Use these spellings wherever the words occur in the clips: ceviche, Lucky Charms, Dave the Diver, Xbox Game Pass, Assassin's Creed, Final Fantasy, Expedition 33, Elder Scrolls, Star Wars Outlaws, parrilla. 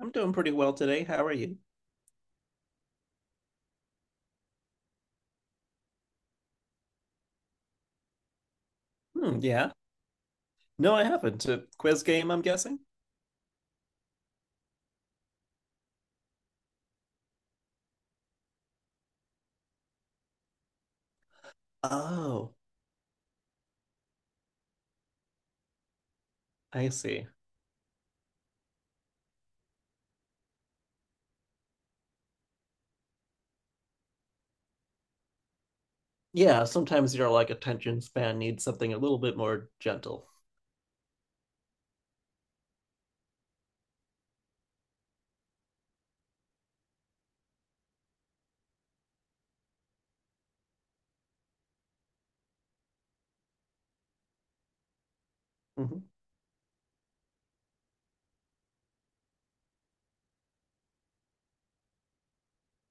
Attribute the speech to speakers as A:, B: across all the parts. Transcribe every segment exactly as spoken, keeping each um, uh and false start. A: I'm doing pretty well today. How are you? Hmm, yeah. No, I haven't. A quiz game, I'm guessing? Oh, I see. Yeah, sometimes your like attention span needs something a little bit more gentle. Hmm.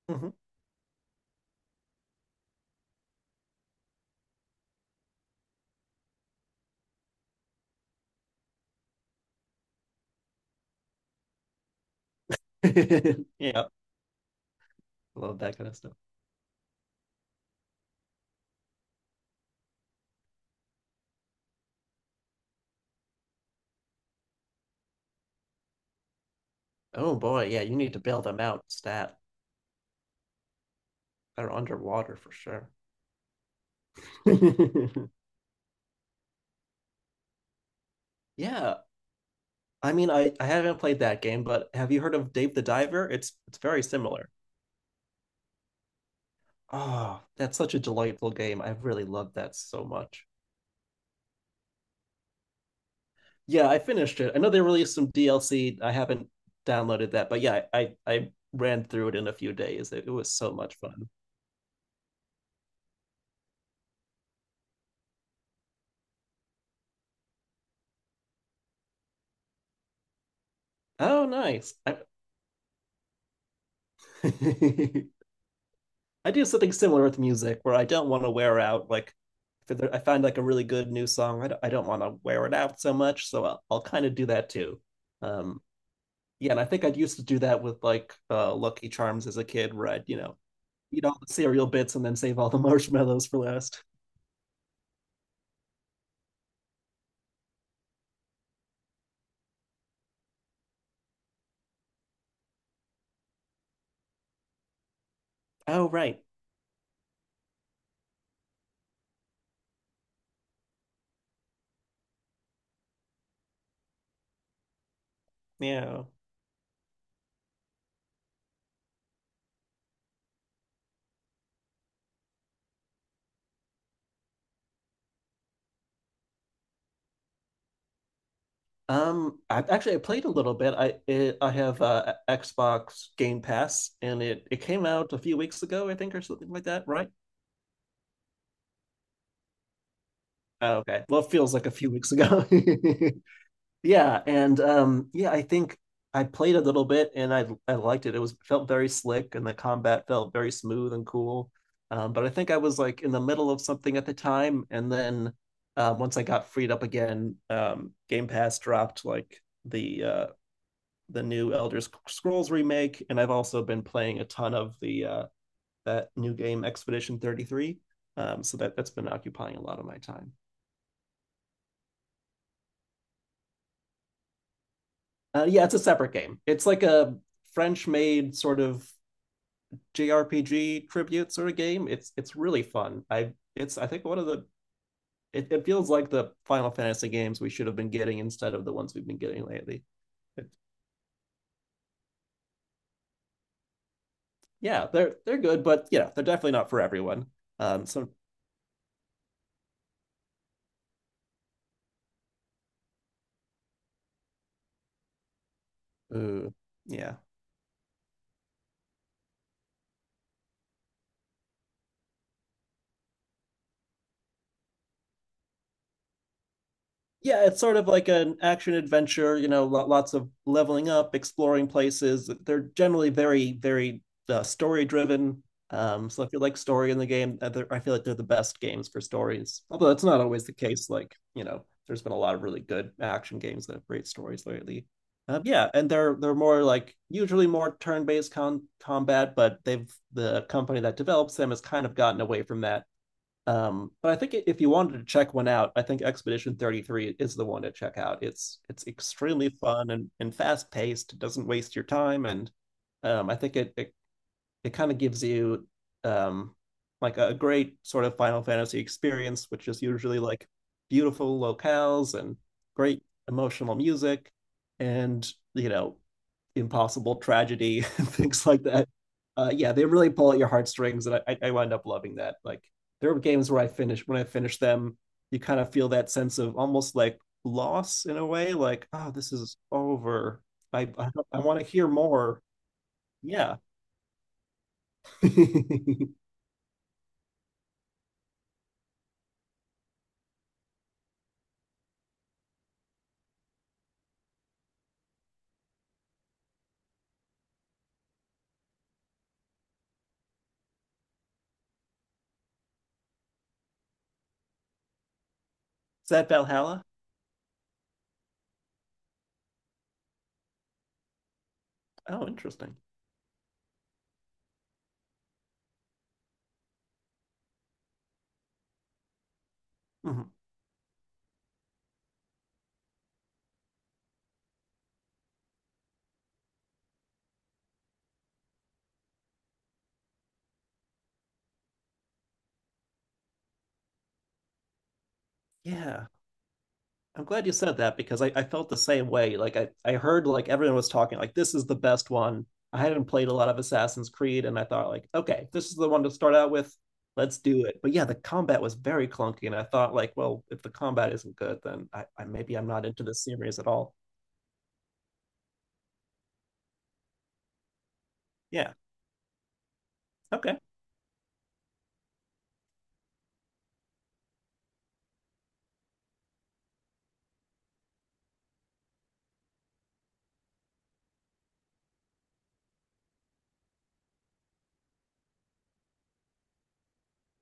A: Hmm. Yeah, love that kind of stuff. Oh boy, yeah, you need to bail them out, stat. They're underwater for sure. Yeah, I mean, I, I haven't played that game, but have you heard of Dave the Diver? It's it's very similar. Oh, that's such a delightful game. I really love that so much. Yeah, I finished it. I know they released some D L C. I haven't downloaded that, but yeah, I I ran through it in a few days. It, it was so much fun. Oh, nice. I, I do something similar with music where I don't want to wear out. Like, if there- I find like a really good new song, I don't, I don't want to wear it out so much. So I'll, I'll kind of do that too. Um, yeah, and I think I used to do that with like uh, Lucky Charms as a kid, where I'd, you know, eat all the cereal bits and then save all the marshmallows for last. Oh, right. Yeah. Um, I've actually I played a little bit. I it, I have uh, Xbox Game Pass, and it it came out a few weeks ago, I think, or something like that, right? Oh, okay. Well, it feels like a few weeks ago. Yeah, and um, yeah, I think I played a little bit, and I I liked it. It was felt very slick, and the combat felt very smooth and cool. Um, but I think I was like in the middle of something at the time, and then uh, once I got freed up again, um, Game Pass dropped like the uh the new Elder Scrolls remake, and I've also been playing a ton of the uh, that new game Expedition thirty-three. Um, so that that's been occupying a lot of my time. Uh, yeah, it's a separate game. It's like a French-made sort of J R P G tribute sort of game. It's it's really fun. I it's I think one of the it, it feels like the Final Fantasy games we should have been getting instead of the ones we've been getting lately. It, yeah, they're they're good, but yeah, they're definitely not for everyone. Um, so uh, yeah, Yeah, it's sort of like an action adventure, you know, lots of leveling up, exploring places. They're generally very, very uh, story driven. Um, so if you like story in the game, uh, I feel like they're the best games for stories. Although that's not always the case. Like, you know, there's been a lot of really good action games that have great stories lately. Um, yeah, and they're they're more like usually more turn-based con combat, but they've the company that develops them has kind of gotten away from that um, but I think if you wanted to check one out, I think Expedition thirty-three is the one to check out. It's it's extremely fun and, and fast paced. It doesn't waste your time, and um, I think it it, it kind of gives you um, like a great sort of Final Fantasy experience, which is usually like beautiful locales and great emotional music, and you know impossible tragedy and things like that. Uh, yeah, they really pull at your heartstrings, and I, I wind up loving that. Like there are games where I finish when I finish them, you kind of feel that sense of almost like loss in a way, like oh, this is over. I I, I want to hear more. Yeah, is that Valhalla? Oh, interesting. Mm-hmm. Yeah. I'm glad you said that because I, I felt the same way. Like I, I heard like everyone was talking like this is the best one. I hadn't played a lot of Assassin's Creed and I thought like, okay, this is the one to start out with. Let's do it. But yeah, the combat was very clunky and I thought like, well, if the combat isn't good, then I, I maybe I'm not into this series at all. Yeah. Okay.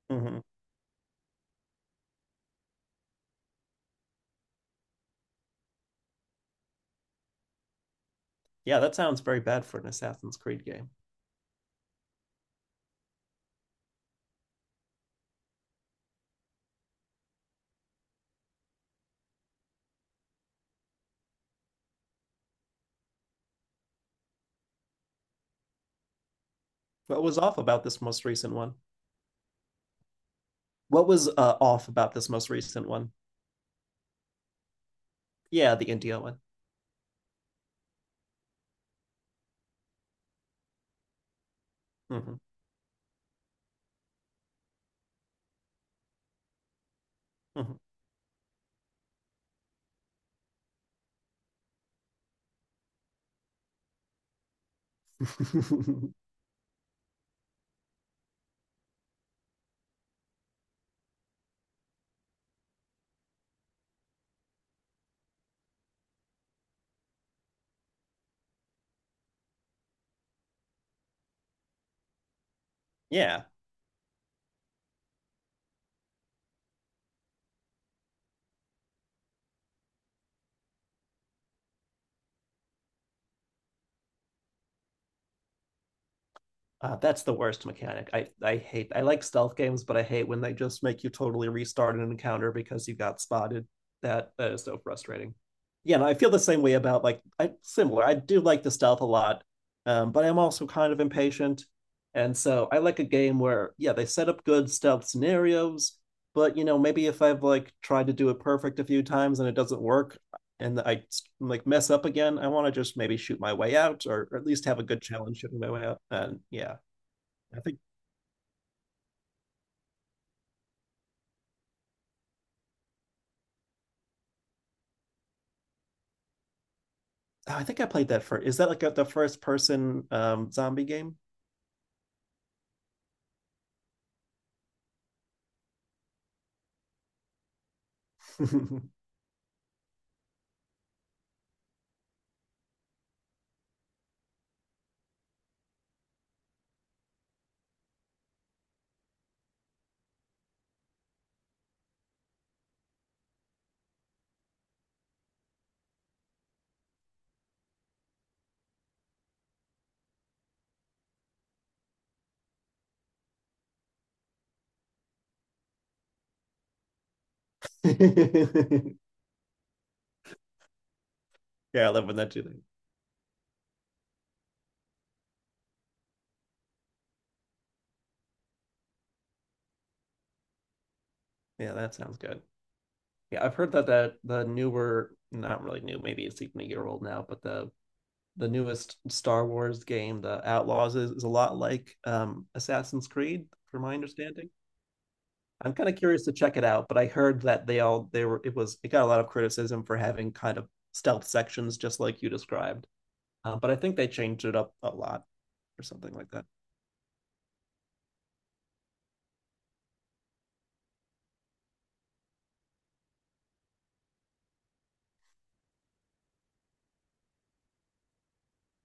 A: Hmm. Yeah, that sounds very bad for an Assassin's Creed game. What was off about this most recent one? What was uh, off about this most recent one? Yeah, the India one. Hmm. Hmm. Yeah. Uh, that's the worst mechanic. I I hate. I like stealth games, but I hate when they just make you totally restart an encounter because you got spotted. That that is so frustrating. Yeah, no, I feel the same way about like I similar. I do like the stealth a lot, um, but I'm also kind of impatient, and so I like a game where yeah they set up good stealth scenarios, but you know maybe if I've like tried to do it perfect a few times and it doesn't work and I like mess up again, I want to just maybe shoot my way out or, or at least have a good challenge shooting my way out. And yeah. I think I think I played that first. Is that like a, the first person um, zombie game? Yeah, I love when that too. Yeah, that sounds good. Yeah, I've heard that that the newer, not really new, maybe it's even a year old now, but the the newest Star Wars game, the Outlaws, is, is a lot like um, Assassin's Creed, from my understanding. I'm kind of curious to check it out, but I heard that they all they were it was it got a lot of criticism for having kind of stealth sections, just like you described. Uh, but I think they changed it up a lot. Or something like that.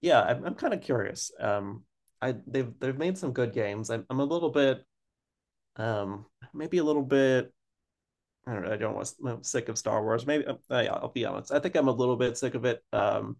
A: Yeah, I'm, I'm kind of curious. Um, I they've they've made some good games. I'm I'm a little bit um maybe a little bit I don't know. I don't want I'm sick of Star Wars. Maybe uh, yeah, I'll be honest. I think I'm a little bit sick of it. Um,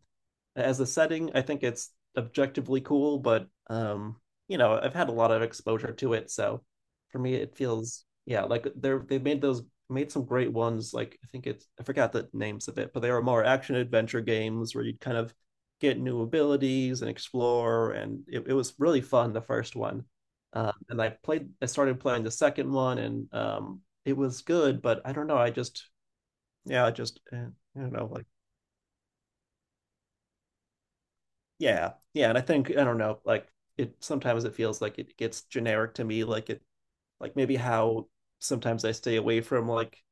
A: As a setting, I think it's objectively cool, but um, you know, I've had a lot of exposure to it, so for me it feels yeah, like they're they've made those made some great ones. Like I think it's I forgot the names of it, but they were more action adventure games where you'd kind of get new abilities and explore, and it, it was really fun the first one. Um, and I played I started playing the second one, and um, it was good, but I don't know. I just yeah, I just eh, I don't know. Like yeah yeah and i think I don't know like it sometimes it feels like it gets generic to me like it like maybe how sometimes I stay away from like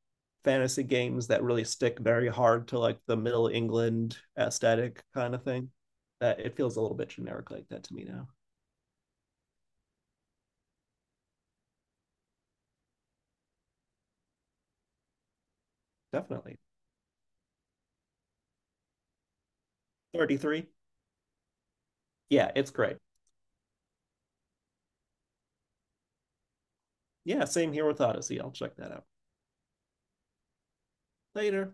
A: fantasy games that really stick very hard to like the middle england aesthetic kind of thing that it feels a little bit generic like that to me now. Definitely. thirty-three. Yeah, it's great. Yeah, same here with odyssey I'll check that out later.